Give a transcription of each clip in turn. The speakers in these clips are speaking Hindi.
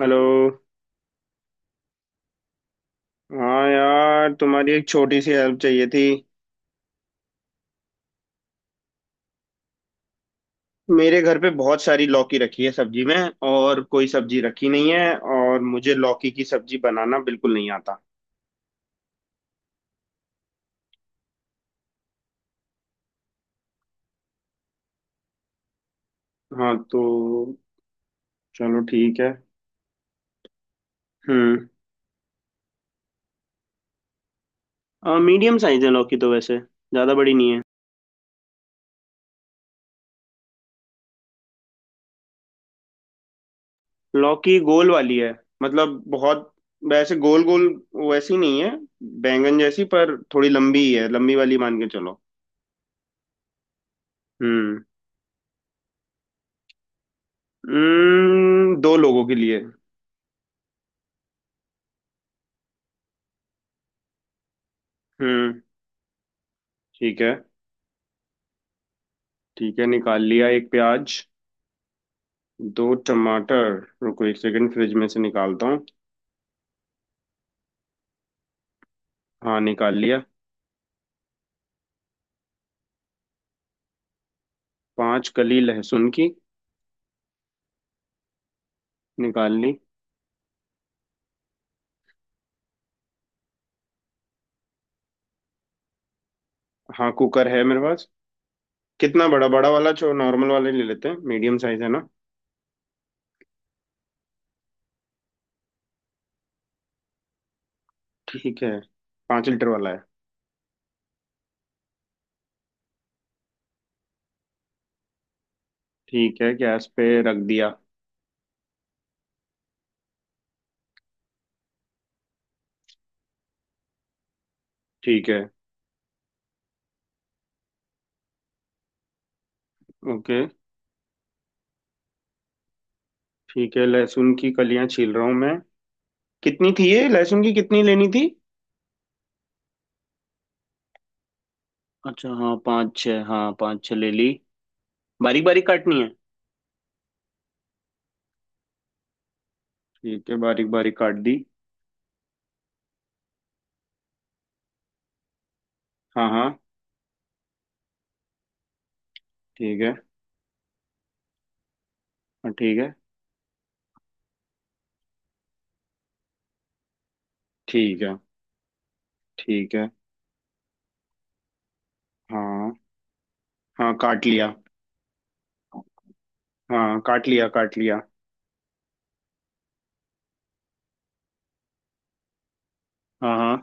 हेलो। हाँ यार, तुम्हारी एक छोटी सी हेल्प चाहिए थी। मेरे घर पे बहुत सारी लौकी रखी है सब्जी में। और कोई सब्जी रखी नहीं है, और मुझे लौकी की सब्जी बनाना बिल्कुल नहीं आता। हाँ तो, चलो ठीक है। हम्म। मीडियम साइज है, लौकी तो वैसे ज़्यादा बड़ी नहीं है। लौकी गोल वाली है। मतलब बहुत वैसे गोल गोल वैसी नहीं है। बैंगन जैसी, पर थोड़ी लंबी ही है, लंबी वाली मान के चलो। हम्म। दो लोगों के लिए। हम्म, ठीक है। ठीक है, निकाल लिया एक प्याज। दो टमाटर। रुको, एक सेकंड फ्रिज में से निकालता हूँ। हाँ, निकाल लिया। पांच कली लहसुन की। निकाल ली। हाँ, कुकर है मेरे पास। कितना बड़ा? बड़ा वाला जो नॉर्मल वाले ले लेते हैं, मीडियम साइज है ना। ठीक है। 5 लीटर वाला है। ठीक है, गैस पे रख दिया। ठीक है। ओके। ठीक है, लहसुन की कलियां छील रहा हूँ मैं। कितनी थी ये लहसुन की? कितनी लेनी थी? अच्छा, हाँ पाँच छः, हाँ पाँच छः ले ली। बारीक बारीक काटनी है? ठीक है, बारीक बारीक काट दी। हाँ हाँ। ठीक है। हाँ। ठीक है। ठीक है। ठीक है। हाँ हाँ, काट लिया। हाँ, काट लिया, काट लिया। हाँ हाँ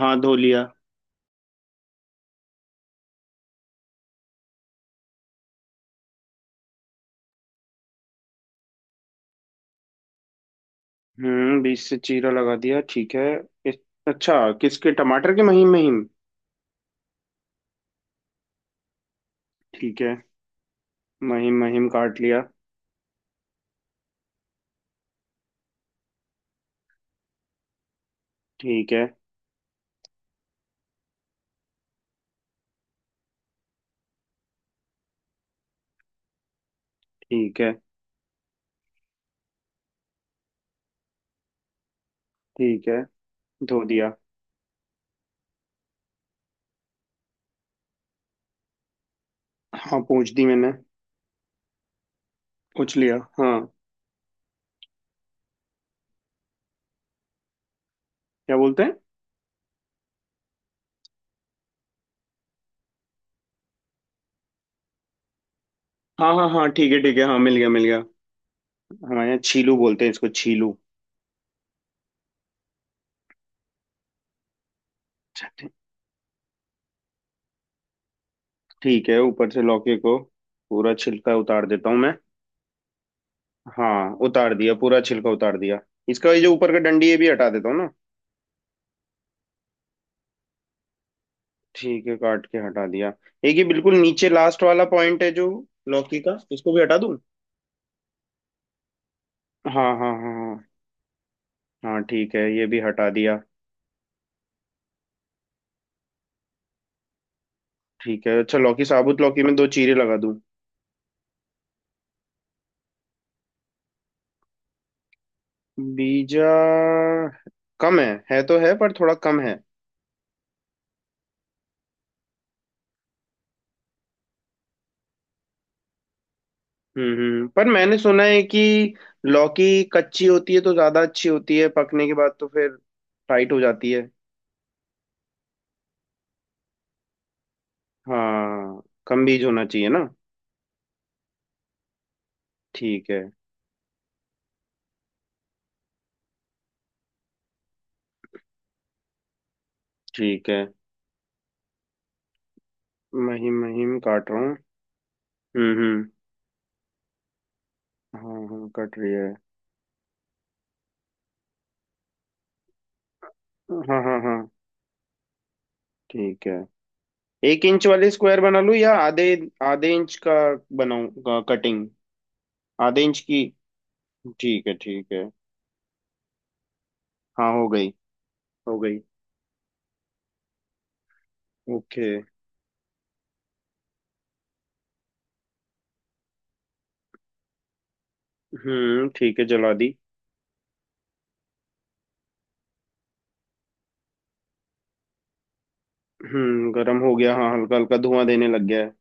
हाँ। धो लिया। बीच से चीरा लगा दिया, ठीक है। इस, अच्छा, किसके टमाटर के महीम महीम? ठीक है। महीम महीम काट लिया। ठीक है। ठीक है। ठीक है। धो दिया। हाँ, पूछ दी मैंने। पूछ लिया, हाँ। क्या बोलते हैं? हाँ हाँ हाँ, ठीक है ठीक है, हाँ मिल गया, मिल गया। हमारे यहाँ छीलू बोलते हैं इसको, छीलू। ठीक है, ऊपर से लौकी को पूरा छिलका उतार देता हूँ मैं। हाँ, उतार दिया, पूरा छिलका उतार दिया। इसका ये जो ऊपर का डंडी, ये भी हटा देता हूँ ना? ठीक है, काट के हटा दिया। एक ये बिल्कुल नीचे लास्ट वाला पॉइंट है जो लौकी का, इसको भी हटा दूँ? हाँ हाँ हाँ हाँ। हाँ ठीक है, ये भी हटा दिया। ठीक है, अच्छा, लौकी साबुत, लौकी में दो चीरे लगा दूँ? बीजा कम है तो है पर थोड़ा कम है। पर मैंने सुना है कि लौकी कच्ची होती है तो ज्यादा अच्छी होती है, पकने के बाद तो फिर टाइट हो जाती है। हाँ। कम बीज होना चाहिए ना। ठीक है। ठीक है, महीम महीम काट रहा हूँ। हम्म। हाँ हाँ, कट रही है। हाँ हाँ हाँ। ठीक है। 1 इंच वाले स्क्वायर बना लूँ, या आधे? आधे इंच का बनाऊँ कटिंग? आधे इंच की। ठीक है ठीक है। हाँ, हो गई। हो गई। ओके। हम्म, ठीक है, जला दी। गर्म हो गया, हाँ, हल्का हल्का धुआं देने लग गया है।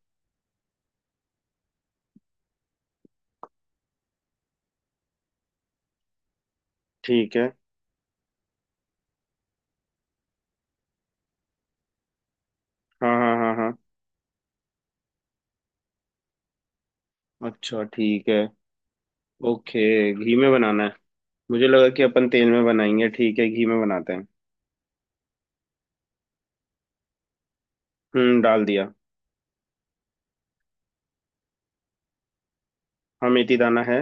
ठीक है। हाँ हाँ हाँ हाँ। अच्छा, ठीक है। ओके। घी में बनाना है? मुझे लगा कि अपन तेल में बनाएंगे, ठीक है, घी में बनाते हैं। डाल दिया। हाँ, मेथी दाना है।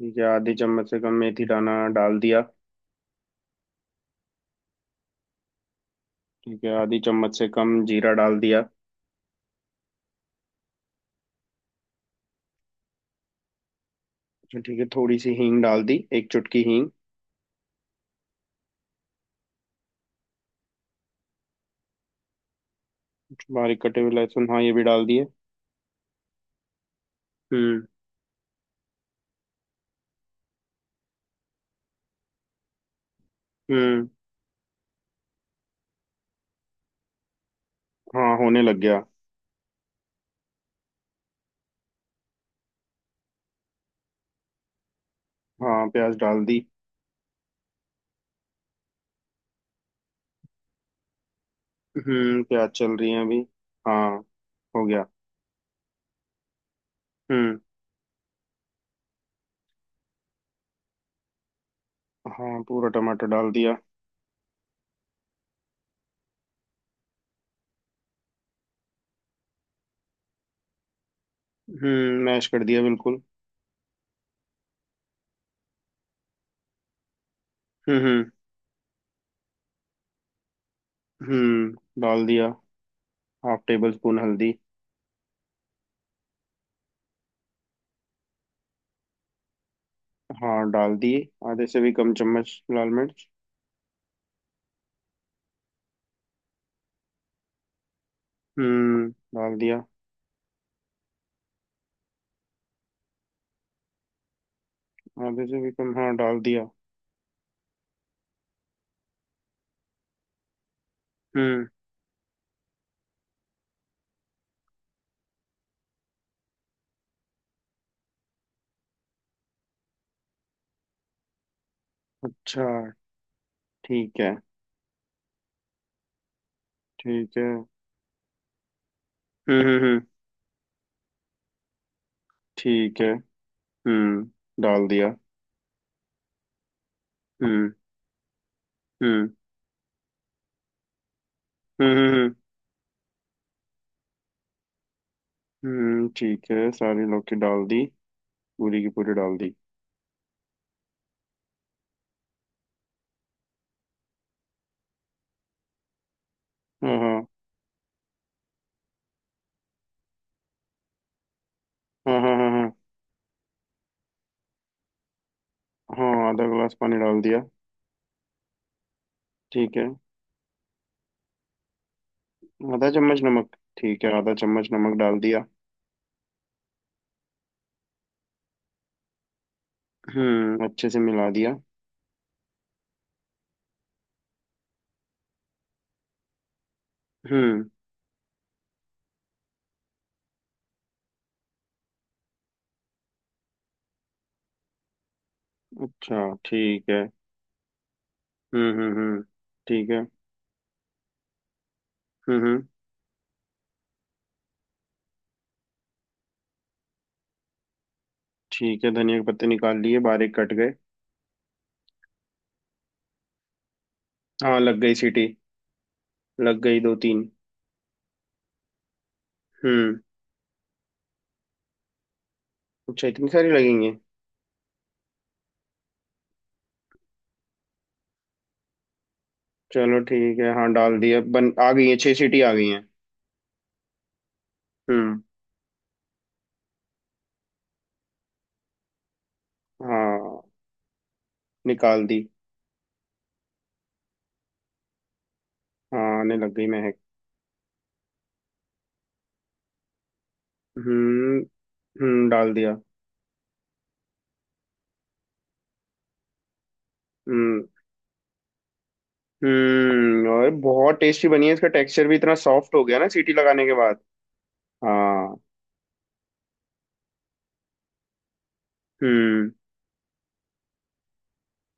ठीक है, आधी चम्मच से कम मेथी दाना डाल दिया। ठीक है, आधी चम्मच से कम जीरा डाल दिया। अच्छा, ठीक है, थोड़ी सी हींग डाल दी, एक चुटकी हींग। बारीक कटे हुए लहसुन, हाँ, ये भी डाल दिए। हम्म हम्म। हाँ, होने लग गया। हाँ, प्याज डाल दी। प्याज चल रही है अभी। हाँ, हो गया। हम्म। हाँ, पूरा टमाटर डाल दिया। मैश कर दिया बिल्कुल। हम्म हम्म हम्म। डाल दिया। हाफ टेबल स्पून हल्दी। हाँ, डाल दी। आधे से भी कम चम्मच लाल मिर्च। हम्म डाल दिया। आधे से भी कम, हाँ, डाल दिया। हम्म। अच्छा, ठीक है। ठीक है। हम्म हम्म, ठीक है। हम्म डाल दिया। हम्म हम्म हम्म हम्म ठीक है, सारी लौकी डाल दी, पूरी की पूरी डाल दी। हाँ हाँ हाँ हाँ हाँ हाँ हाँ, आधा गिलास पानी डाल दिया। ठीक है। आधा चम्मच नमक। ठीक है, आधा चम्मच नमक डाल दिया। अच्छे से मिला दिया। हम्म। अच्छा, ठीक है। हम्म, ठीक है। हम्म, ठीक है, धनिया के पत्ते निकाल लिए, बारीक कट गए। हाँ, लग गई सीटी। लग गई दो तीन। हम्म, अच्छा, इतनी सारी लगेंगी? चलो ठीक है, हाँ डाल दिया, बन आ गई है, छह सीटी आ गई हैं। हम्म। हाँ, निकाल दी। हाँ, आने लग गई महक। हम्म हम्म, डाल दिया। हम्म हम्म, और बहुत टेस्टी बनी है, इसका टेक्सचर भी इतना सॉफ्ट हो गया ना सीटी लगाने के बाद। हाँ। हम्म।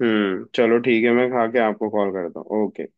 चलो ठीक है, मैं खा के आपको कॉल करता हूँ, ओके।